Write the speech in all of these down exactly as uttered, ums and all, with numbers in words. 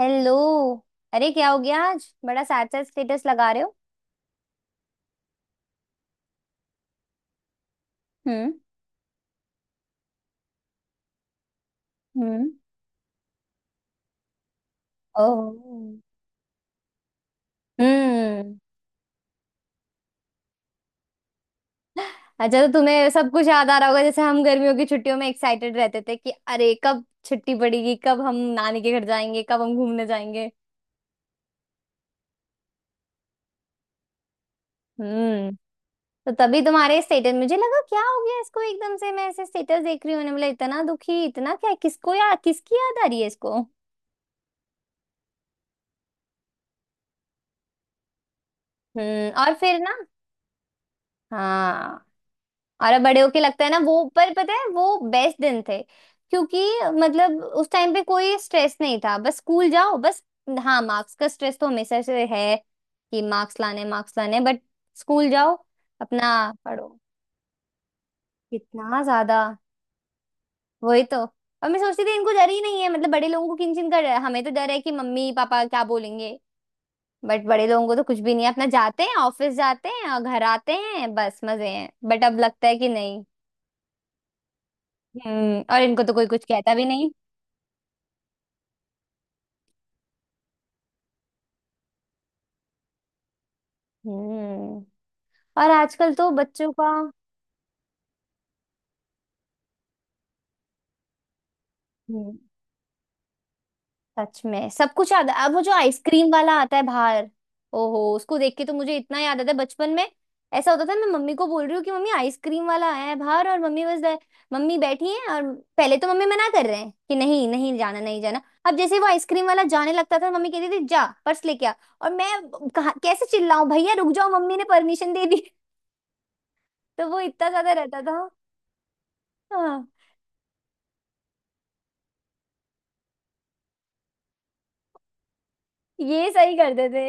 Hello. अरे क्या हो गया, आज बड़ा सैड सैड स्टेटस लगा रहे हो? हम्म। हम्म। ओह। हम्म। अच्छा, तो तुम्हें सब कुछ याद आ रहा होगा जैसे हम गर्मियों की छुट्टियों में एक्साइटेड रहते थे कि अरे कब छुट्टी पड़ेगी, कब हम नानी के घर जाएंगे, कब हम घूमने जाएंगे। हम्म। तो तभी तुम्हारे स्टेटस मुझे लगा क्या हो गया इसको, एकदम से मैं ऐसे स्टेटस देख रही हूँ, मैंने बोला इतना दुखी इतना क्या, किसको या किसकी याद आ रही है इसको। हम्म, और फिर ना। हाँ। और बड़े होके लगता है ना वो, पर पता है वो बेस्ट दिन थे। क्योंकि मतलब उस टाइम पे कोई स्ट्रेस नहीं था, बस स्कूल जाओ बस। हाँ, मार्क्स का स्ट्रेस तो हमेशा से है कि मार्क्स लाने मार्क्स लाने, बट स्कूल जाओ, अपना पढ़ो। कितना ज्यादा। वही तो। और मैं सोचती थी इनको डर ही नहीं है, मतलब बड़े लोगों को किन चिन का डर है। हमें तो डर है कि मम्मी पापा क्या बोलेंगे, बट बड़े लोगों को तो कुछ भी नहीं है, अपना जाते हैं ऑफिस जाते हैं और घर आते हैं बस मजे हैं, बट अब लगता है कि नहीं। हम्म, और इनको तो कोई कुछ कहता भी नहीं। हम्म, और आजकल तो बच्चों का। हम्म। सच में सब कुछ याद। अब वो जो आइसक्रीम वाला आता है बाहर, ओहो उसको देख के तो मुझे इतना याद आता है बचपन में। ऐसा होता था मैं मम्मी को बोल रही हूँ कि मम्मी आइसक्रीम वाला आया है बाहर, और मम्मी बस दे- मम्मी बैठी है और पहले तो मम्मी मना कर रहे हैं कि नहीं नहीं जाना नहीं जाना, अब जैसे ही वो आइसक्रीम वाला जाने लगता था मम्मी कहती थी जा पर्स लेके आ। और मैं कहा कैसे चिल्लाऊं भैया रुक जाओ, मम्मी ने परमिशन दे दी तो वो इतना ज्यादा रहता था। हाँ। ये सही करते थे।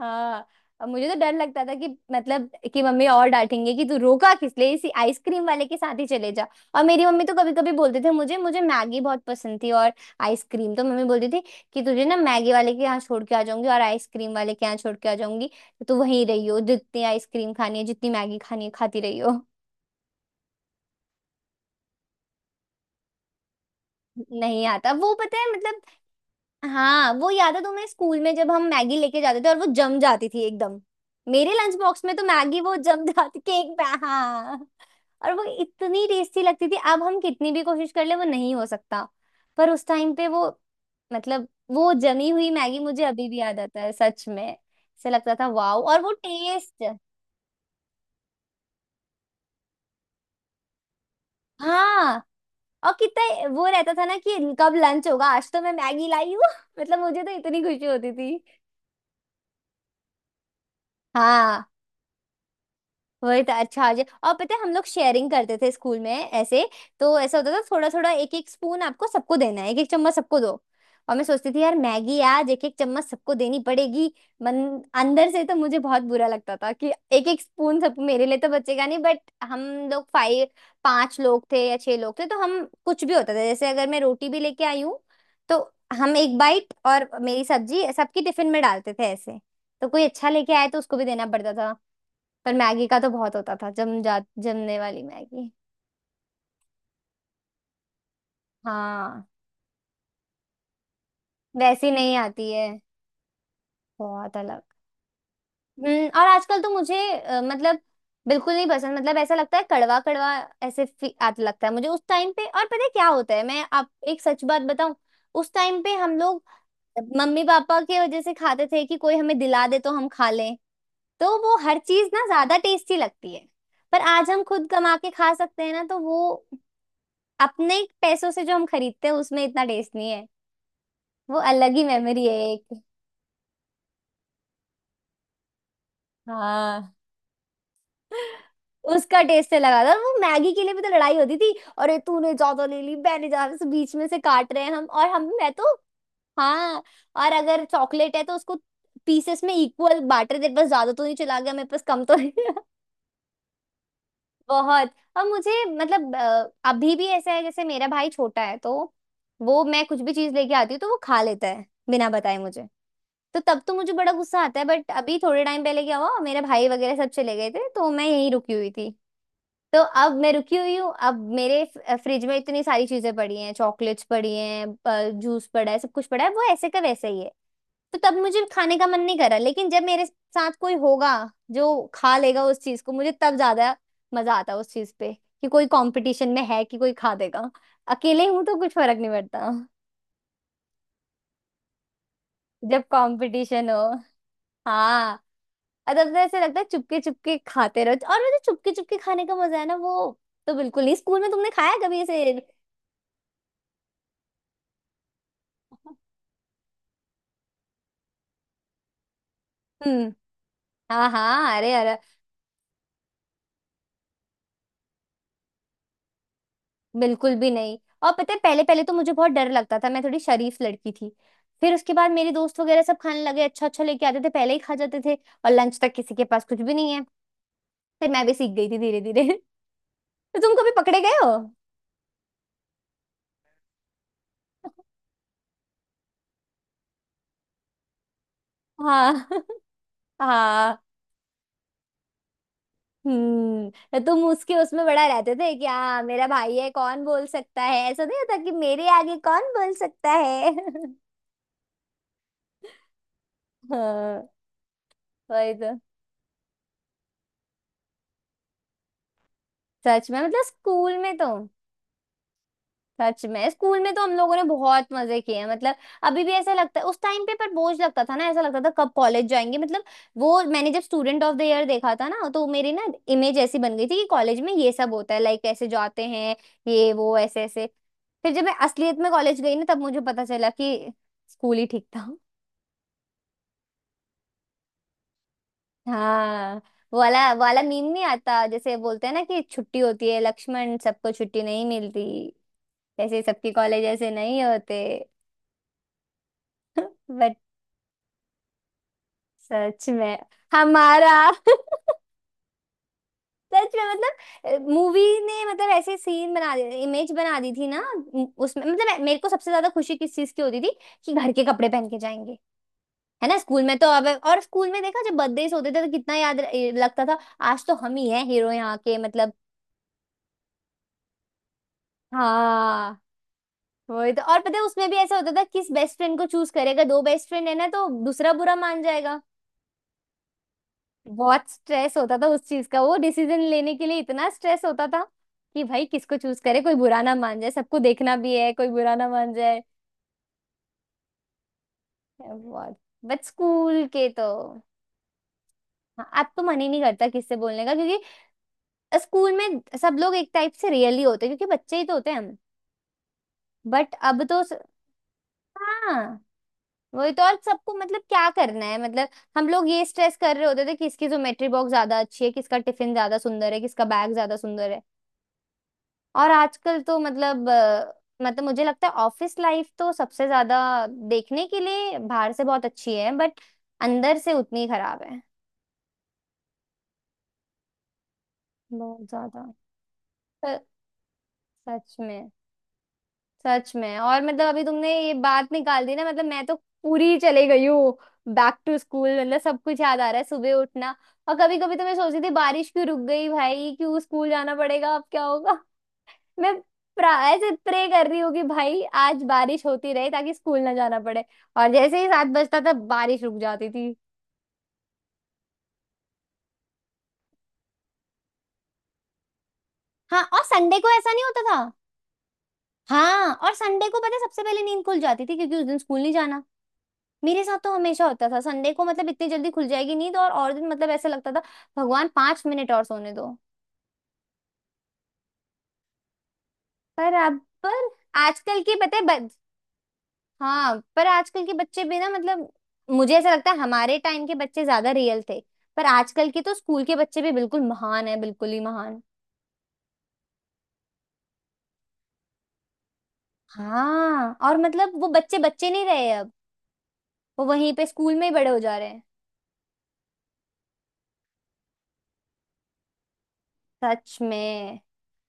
हाँ। अब मुझे तो डर लगता था कि मतलब कि मम्मी और डांटेंगे कि तू रोका किस लिए, इसी आइसक्रीम वाले के साथ ही चले जा। और मेरी मम्मी तो कभी कभी बोलते थे मुझे मुझे मैगी बहुत पसंद थी, और आइसक्रीम तो मम्मी बोलती थी कि तुझे ना मैगी वाले के यहाँ छोड़ के आ जाऊंगी और आइसक्रीम वाले के यहाँ छोड़ के आ जाऊंगी, तो तू वहीं रही हो जितनी आइसक्रीम खानी है जितनी मैगी खानी है खाती रही हो। नहीं आता वो, पता है मतलब। हाँ, वो याद है तुम्हें स्कूल में जब हम मैगी लेके जाते थे और वो जम जाती थी एकदम, मेरे लंच बॉक्स में तो मैगी वो जम जाती केक पे। हाँ, और वो इतनी टेस्टी लगती थी, अब हम कितनी भी कोशिश कर ले वो नहीं हो सकता। पर उस टाइम पे वो, मतलब वो जमी हुई मैगी मुझे अभी भी याद आता है, सच में ऐसे लगता था वाओ, और वो टेस्ट। हाँ। और कितना वो रहता था ना कि कब लंच होगा, आज तो मैं मैगी लाई हूँ मतलब मुझे तो इतनी खुशी होती थी। हाँ। वही तो, अच्छा आज। और पता है हम लोग शेयरिंग करते थे स्कूल में ऐसे, तो ऐसा होता था थोड़ा थोड़ा एक एक स्पून आपको सबको देना है, एक एक चम्मच सबको दो। और मैं सोचती थी यार मैगी आज एक एक चम्मच सबको देनी पड़ेगी। मन अंदर से तो मुझे बहुत बुरा लगता था कि एक एक स्पून सब मेरे लिए तो बचेगा नहीं, बट हम लोग फाइव पांच लोग थे या छह लोग थे, तो हम कुछ भी होता था जैसे अगर मैं रोटी भी लेके आई हूँ, तो हम एक बाइट और मेरी सब्जी सबकी टिफिन में डालते थे ऐसे, तो कोई अच्छा लेके आए तो उसको भी देना पड़ता था। पर मैगी का तो बहुत होता था, जम जा जमने वाली मैगी। हाँ। वैसी नहीं आती है। बहुत अलग। हम्म, और आजकल तो मुझे अ, मतलब बिल्कुल नहीं पसंद, मतलब ऐसा लगता है कड़वा कड़वा ऐसे फी- आने लगता है मुझे उस टाइम पे। और पता है क्या होता है, मैं आप एक सच बात बताऊं, उस टाइम पे हम लोग मम्मी पापा के वजह से खाते थे कि कोई हमें दिला दे तो हम खा लें, तो वो हर चीज ना ज्यादा टेस्टी लगती है। पर आज हम खुद कमा के खा सकते हैं ना, तो वो अपने पैसों से जो हम खरीदते हैं उसमें इतना टेस्ट नहीं। वो अलग ही मेमोरी है एक। हाँ। उसका टेस्ट लगा था। और वो मैगी के लिए भी तो लड़ाई होती थी, अरे तूने ज्यादा ले ली मैंने ज्यादा से, बीच में से काट रहे हैं हम, और हम मैं तो। हाँ। और अगर चॉकलेट है तो उसको पीसेस में इक्वल बांट रहे थे, बस ज्यादा तो नहीं चला गया मेरे पास कम तो नहीं गया। बहुत। और मुझे मतलब अ, अभी भी ऐसा है जैसे मेरा भाई छोटा है तो वो, मैं कुछ भी चीज लेके आती हूँ तो वो खा लेता है बिना बताए मुझे, तो तब तो मुझे बड़ा गुस्सा आता है। बट अभी थोड़े टाइम पहले क्या हुआ, मेरे भाई वगैरह सब चले गए थे तो मैं यहीं रुकी हुई थी। तो अब मैं रुकी हुई हूँ, अब मेरे फ- फ्रिज में इतनी सारी चीजें पड़ी हैं, चॉकलेट्स पड़ी हैं, जूस पड़ा है, सब कुछ पड़ा है, वो ऐसे का वैसे ही है। तो तब मुझे खाने का मन नहीं करा, लेकिन जब मेरे साथ कोई होगा जो खा लेगा उस चीज को, मुझे तब ज्यादा मजा आता है उस चीज पे कि कोई कंपटीशन में है कि कोई खा देगा। अकेले हूं तो कुछ फर्क नहीं पड़ता। जब कंपटीशन हो। हाँ। और तब तो ऐसे लगता है चुपके चुपके खाते रहो, और वो जो चुपके चुपके खाने का मजा है ना वो तो बिल्कुल नहीं। स्कूल में तुमने खाया है कभी ऐसे? हम्म। हाँ हाँ, अरे अरे। बिल्कुल भी नहीं। और पता है पहले पहले तो मुझे बहुत डर लगता था, मैं थोड़ी शरीफ लड़की थी, फिर उसके बाद मेरे दोस्त वगैरह सब खाने लगे, अच्छा अच्छा लेके आते थे पहले ही खा जाते थे और लंच तक किसी के पास कुछ भी नहीं है, फिर मैं भी सीख गई थी धीरे धीरे तो तुम कभी पकड़े गए हो? हाँ हाँ। हम्म, तो तुम उसके उसमें बड़ा रहते थे कि हाँ मेरा भाई है कौन बोल सकता है, ऐसा नहीं होता कि मेरे आगे कौन बोल सकता है हाँ वही तो। सच में मतलब स्कूल में तो, सच में स्कूल में तो हम लोगों ने बहुत मजे किए हैं मतलब। अभी भी ऐसा लगता है, उस टाइम पे पर बोझ लगता था ना, ऐसा लगता था कब कॉलेज जाएंगे मतलब। वो मैंने जब स्टूडेंट ऑफ द ईयर देखा था ना, तो मेरी ना इमेज ऐसी बन गई थी कि कॉलेज में ये सब होता है, लाइक ऐसे जाते हैं ये वो ऐसे ऐसे। फिर जब मैं असलियत में कॉलेज गई ना तब मुझे पता चला कि स्कूल ही ठीक था। हाँ। वो वाला वो वाला मीम नहीं आता, जैसे बोलते हैं ना कि छुट्टी होती है लक्ष्मण, सबको छुट्टी नहीं मिलती, जैसे सबकी कॉलेज ऐसे नहीं होते। वही। सच में। हमारा सच में मतलब मूवी ने मतलब ऐसे सीन बना दिए, इमेज बना दी थी ना, म- उसमें मतलब मेरे को सबसे ज्यादा खुशी किस चीज की होती थी कि घर के कपड़े पहन के जाएंगे। है ना, स्कूल में तो अब, और स्कूल में देखा जब बर्थडे होते थे तो कितना याद र- ये लगता था आज तो हम ही हैं हीरो यहाँ के मतलब। हाँ वही तो। और पता है उसमें भी ऐसा होता था किस बेस्ट फ्रेंड को चूज करेगा, दो बेस्ट फ्रेंड है ना तो दूसरा बुरा मान जाएगा। बहुत स्ट्रेस होता था उस चीज का, वो डिसीजन लेने के लिए इतना स्ट्रेस होता था कि भाई किसको चूज करे, कोई बुरा ना मान जाए, सबको देखना भी है कोई बुरा ना मान जाए। बहुत। बट स्कूल के तो। हाँ, अब तो मन ही नहीं करता किससे बोलने का, क्योंकि स्कूल में सब लोग एक टाइप से रियल ही होते हैं, क्योंकि बच्चे ही तो होते हैं हम। बट अब तो स... हाँ, वही तो। और सबको मतलब क्या करना है मतलब हम लोग ये स्ट्रेस कर रहे होते थे किसकी ज्योमेट्री बॉक्स ज्यादा अच्छी है, किसका टिफिन ज्यादा सुंदर है, किसका बैग ज्यादा सुंदर है। और आजकल तो मतलब अ, मतलब मुझे लगता है ऑफिस लाइफ तो सबसे ज्यादा देखने के लिए बाहर से बहुत अच्छी है, बट अंदर से उतनी खराब है। बहुत ज्यादा। अ, सच में। सच में। और मतलब अभी तुमने ये बात निकाल दी ना, मतलब मैं तो पूरी चले गई हूँ बैक टू स्कूल। मतलब सब कुछ याद आ रहा है, सुबह उठना। और कभी कभी तो मैं सोचती थी बारिश क्यों रुक गई भाई, क्यों स्कूल जाना पड़ेगा, अब क्या होगा। मैं प्रा, ऐसे प्रे कर रही हूँ कि भाई आज बारिश होती रहे ताकि स्कूल ना जाना पड़े। और जैसे ही सात बजता था बारिश रुक जाती थी। हाँ, और संडे को ऐसा नहीं होता था। हाँ, और संडे को पता है सबसे पहले नींद खुल जाती थी क्योंकि उस दिन स्कूल नहीं जाना। मेरे साथ तो हमेशा होता था, संडे को मतलब इतनी जल्दी खुल जाएगी नींद, और और दिन मतलब ऐसा लगता था भगवान पांच मिनट और सोने दो। पर अब, पर आजकल की पता है। हाँ, पर आजकल के बच्चे भी ना, मतलब मुझे ऐसा लगता है हमारे टाइम के बच्चे ज्यादा रियल थे। पर आजकल के तो स्कूल के बच्चे भी बिल्कुल महान है, बिल्कुल ही महान। हाँ, और मतलब वो बच्चे बच्चे नहीं रहे अब। वो वहीं पे स्कूल में ही बड़े हो जा रहे हैं। सच में।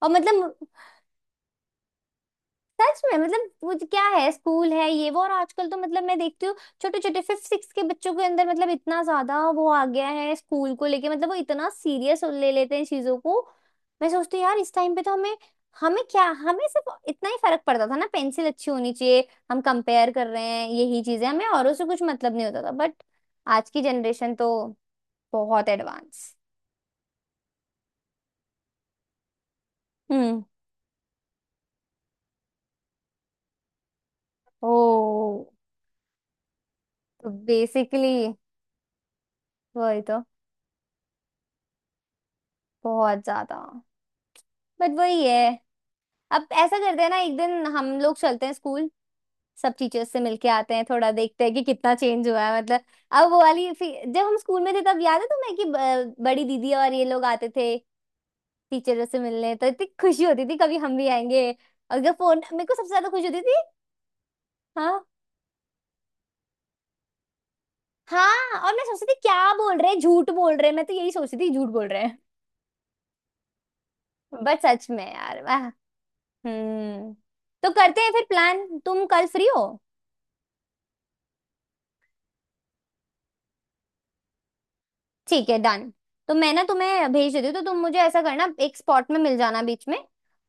और मतलब सच में मतलब वो जो क्या है स्कूल है ये वो, और आजकल तो मतलब मैं देखती हूँ छोटे छोटे फिफ्थ सिक्स के बच्चों के अंदर मतलब इतना ज्यादा वो आ गया है स्कूल को लेके, मतलब वो इतना सीरियस ले लेते हैं चीजों को। मैं सोचती हूँ यार इस टाइम पे तो हमें, हमें क्या, हमें सिर्फ इतना ही फर्क पड़ता था ना, पेंसिल अच्छी होनी चाहिए, हम कंपेयर कर रहे हैं यही चीजें, हमें औरों से कुछ मतलब नहीं होता था। बट आज की जनरेशन तो बहुत एडवांस। हम्म। ओ। तो बेसिकली वही तो। बहुत ज्यादा। बट वही है। अब ऐसा करते हैं ना, एक दिन हम लोग चलते हैं स्कूल, सब टीचर्स से मिलके आते हैं, थोड़ा देखते हैं कि कितना चेंज हुआ है मतलब। अब वो वाली फी- जब हम स्कूल में थे तब याद है तुम्हें कि ब- बड़ी दीदी और ये लोग आते थे टीचर्स से मिलने, तो इतनी खुशी होती थी कभी हम भी आएंगे। और जब फोन, मेरे को सबसे ज्यादा खुशी होती थी। हाँ, हाँ। और मैं सोचती थी क्या बोल रहे हैं, झूठ बोल रहे हैं, मैं तो यही सोचती थी झूठ बोल रहे हैं। बट सच में यार, वाह। हम्म। तो करते हैं फिर प्लान। तुम कल फ्री हो? ठीक है, डन। तो मैं ना तुम्हें भेज देती हूँ, तो तुम मुझे ऐसा करना एक स्पॉट में मिल जाना बीच में,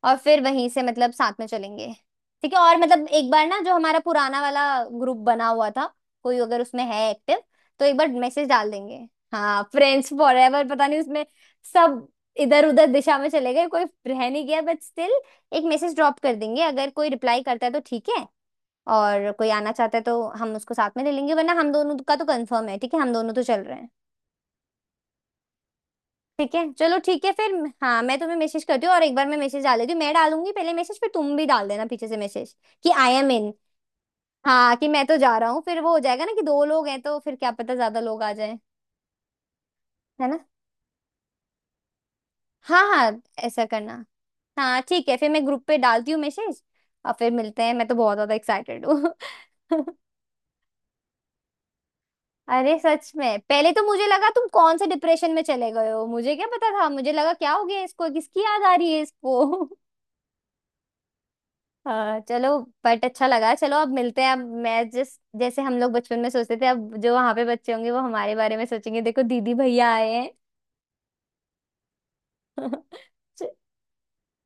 और फिर वहीं से मतलब साथ में चलेंगे। ठीक है। और मतलब एक बार ना, जो हमारा पुराना वाला ग्रुप बना हुआ था, कोई अगर उसमें है एक्टिव तो एक बार मैसेज डाल देंगे। हाँ, फ्रेंड्स फॉर एवर, पता नहीं उसमें सब इधर उधर दिशा में चले गए, कोई रह नहीं गया, बट स्टिल एक मैसेज ड्रॉप कर देंगे, अगर कोई रिप्लाई करता है तो ठीक है, और कोई आना चाहता है तो हम उसको साथ में ले लेंगे, वरना हम दोनों का तो कंफर्म है, ठीक है, हम दोनों तो चल रहे हैं। ठीक है, चलो, ठीक है फिर। हाँ, मैं तुम्हें मैसेज करती हूँ और एक बार मैं मैसेज डाल देती हूँ, मैं डालूंगी पहले मैसेज, फिर तुम भी डाल देना पीछे से मैसेज कि आई एम इन। हाँ, कि मैं तो जा रहा हूँ, फिर वो हो जाएगा ना कि दो लोग हैं तो फिर क्या पता ज्यादा लोग आ जाए। है ना। हाँ, हाँ, ऐसा करना। हाँ, ठीक है फिर, मैं ग्रुप पे डालती हूँ मैसेज, और फिर मिलते हैं, मैं तो बहुत ज्यादा एक्साइटेड हूँ। अरे सच में, पहले तो मुझे लगा तुम कौन से डिप्रेशन में चले गए हो, मुझे क्या पता था, मुझे लगा क्या हो गया इसको, किसकी याद आ रही है इसको। हाँ, चलो। बट अच्छा लगा। चलो, अब मिलते हैं, अब मैं जिस जैसे हम लोग बचपन में सोचते थे अब जो वहां पे बच्चे होंगे वो हमारे बारे में सोचेंगे, देखो दीदी भैया आए हैं। च-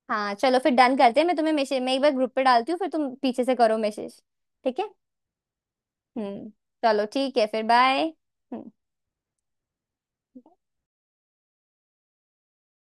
हाँ, चलो फिर, डन करते हैं, मैं तुम्हें मैसेज, मैं एक बार ग्रुप पे डालती हूँ फिर तुम पीछे से करो मैसेज। ठीक है। हम्म। चलो, ठीक है फिर, बाय।